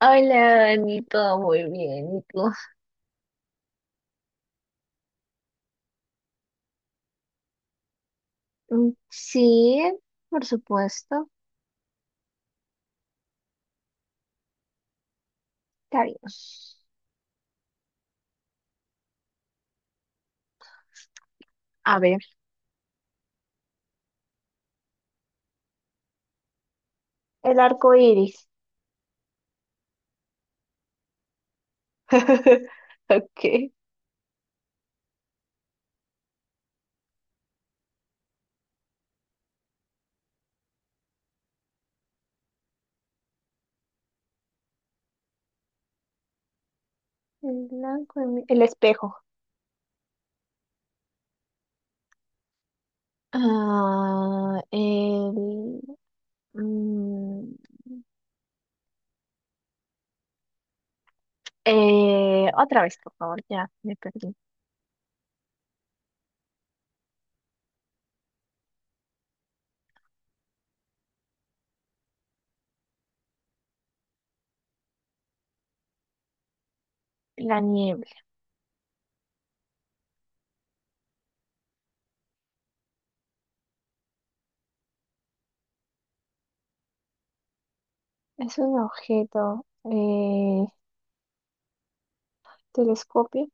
Hola, Dani, todo muy bien. ¿Y tú? Mm, sí, por supuesto. Cariños. A ver, el arco iris. Ok. El blanco, el espejo. Ah, mm, otra vez, por favor, ya me perdí. La niebla. Es un objeto. Telescopio.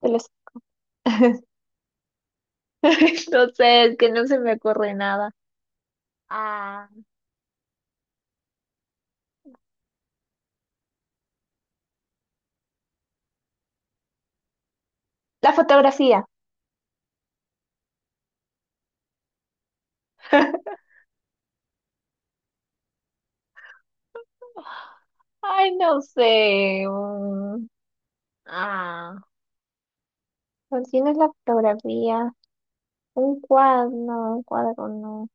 teles- No sé, es que no se me ocurre nada. Ah, la fotografía. Ay, no sé. Ah, ¿cuál tienes la fotografía? Un cuadro, no, un cuadro no.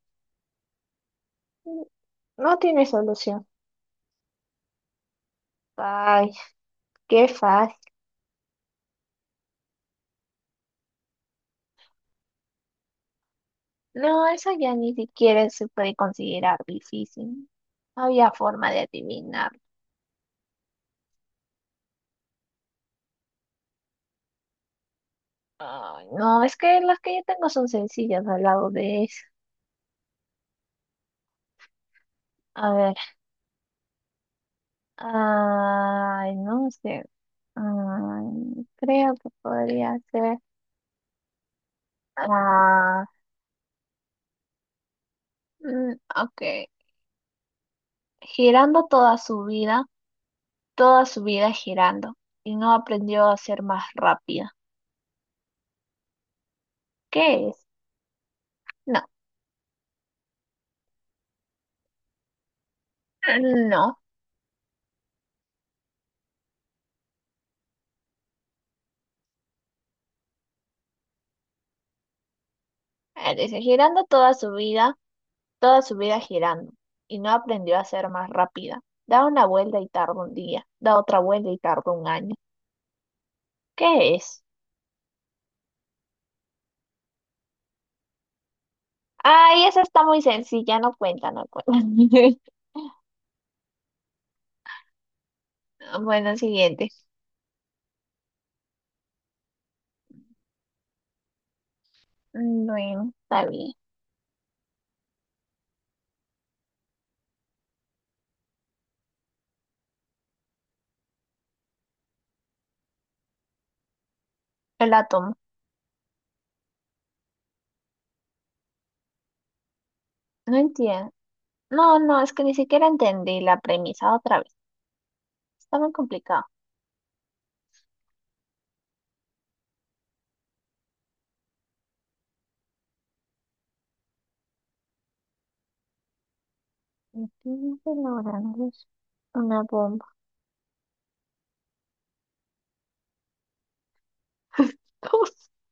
No tiene solución. Ay, qué fácil. No, eso ya ni siquiera se puede considerar difícil. No había forma de adivinar. Ay, no, es que las que yo tengo son sencillas al lado de eso. A ver. Ay, no sé. Ay, creo que podría ser. Ah, ok. Girando toda su vida girando, y no aprendió a ser más rápida. ¿Qué es? No, no. Dice, girando toda su vida girando, y no aprendió a ser más rápida. Da una vuelta y tarda un día, da otra vuelta y tarda un año. ¿Qué es? Ay, esa está muy sencilla, no cuenta, no cuenta. Bueno, siguiente. Bueno, está bien. Yo la tomo. No entiendo. No, no, es que ni siquiera entendí la premisa otra vez. Está muy complicado. Estoy elaborando una bomba.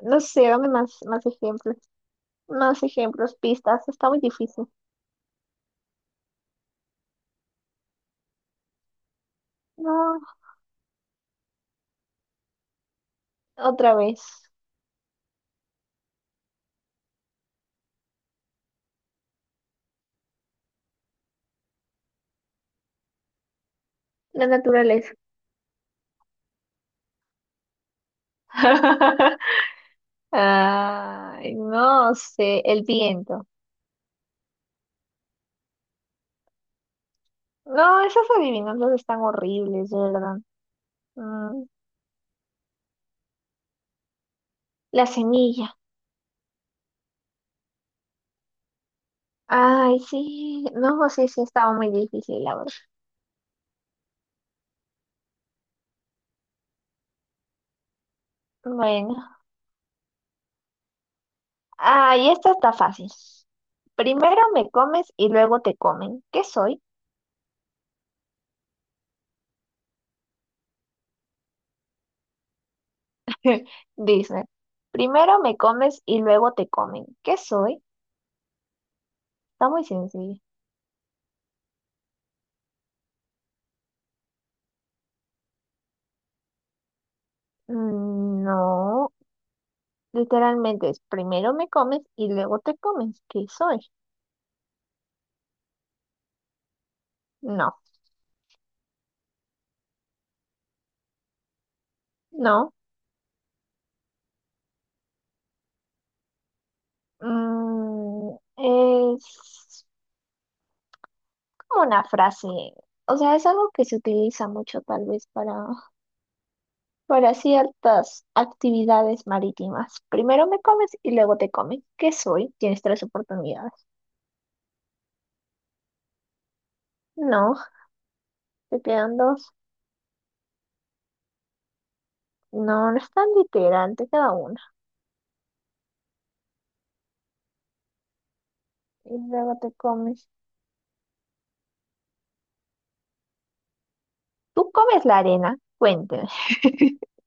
No sé, dame más ejemplos. Más ejemplos, pistas. Está muy difícil. No, otra vez. La naturaleza. Ay, no sé, el viento. No, esas adivinanzas están horribles, de verdad. Mm, la semilla. Ay, sí. No, sí, sí, estaba muy difícil, la verdad. Bueno. Ah, y esta está fácil. Primero me comes y luego te comen. ¿Qué soy? Dice. Primero me comes y luego te comen. ¿Qué soy? Está muy sencillo. No, literalmente es primero me comes y luego te comes. ¿Qué soy? No, no. Es como una frase. O sea, es algo que se utiliza mucho tal vez para ciertas actividades marítimas. Primero me comes y luego te comen. ¿Qué soy? Tienes tres oportunidades. No, te quedan dos. No, no es tan literal, te queda una. Y luego te comes. ¿Tú comes la arena? Cuénteme.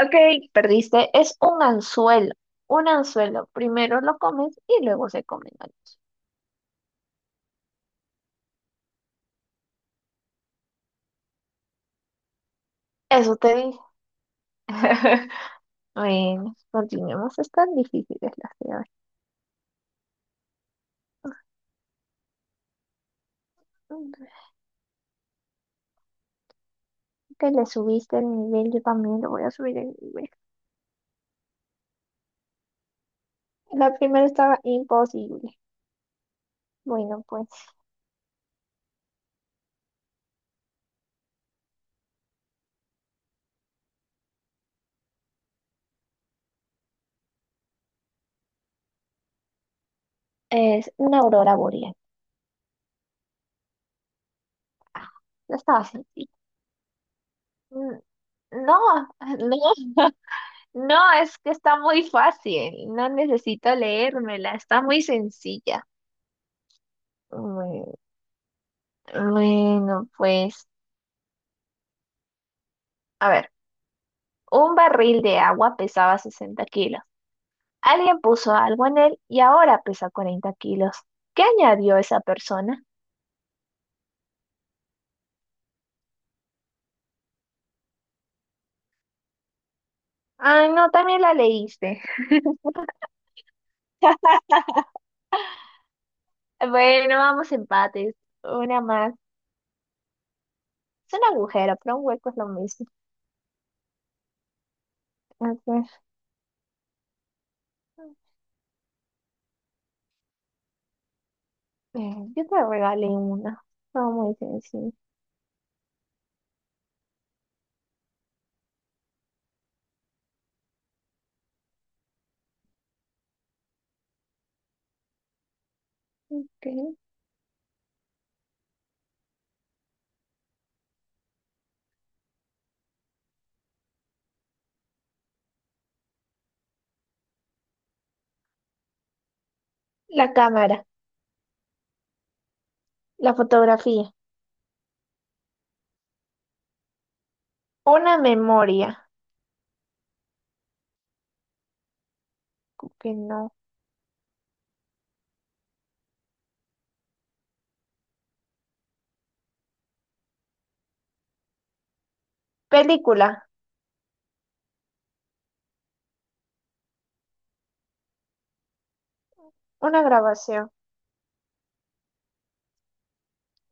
Ok, perdiste. Es un anzuelo. Un anzuelo. Primero lo comes y luego se comen. Eso te dije. Bueno, continuemos. Están difíciles las de hoy. Que le subiste el nivel, yo también le voy a subir el nivel. La primera estaba imposible. Bueno, pues es una aurora boreal. Ah, no estaba sencilla. Mm, No, no, no, es que está muy fácil. No necesito leérmela, está muy sencilla. Bueno, bueno, pues, a ver, un barril de agua pesaba 60 kilos. Alguien puso algo en él y ahora pesa 40 kilos. ¿Qué añadió esa persona? Ah, no, también la leíste. Bueno, vamos empates. Una más. Es un agujero, pero un hueco es lo mismo. A ver, yo te regalé una. No, muy sencillo. Ok. La cámara, la fotografía, una memoria, que no. Película, una grabación,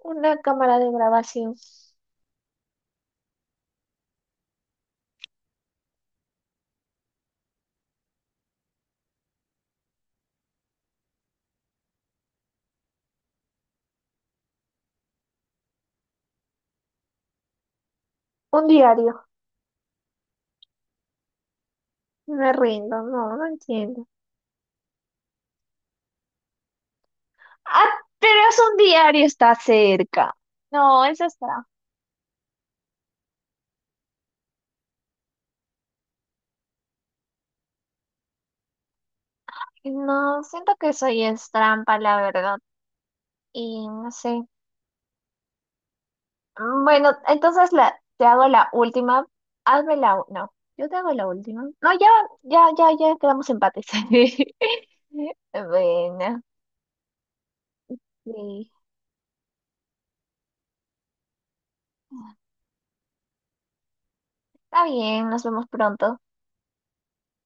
una cámara de grabación, un diario. Me rindo, no, no entiendo. Ah, pero es un diario, está cerca. No, eso es trampa. No, siento que soy es trampa, la verdad. Y no sé. Bueno, entonces te hago la última. No, yo te hago la última. No, ya, ya, ya, ya quedamos empates. Bueno, sí. Está bien, nos vemos pronto.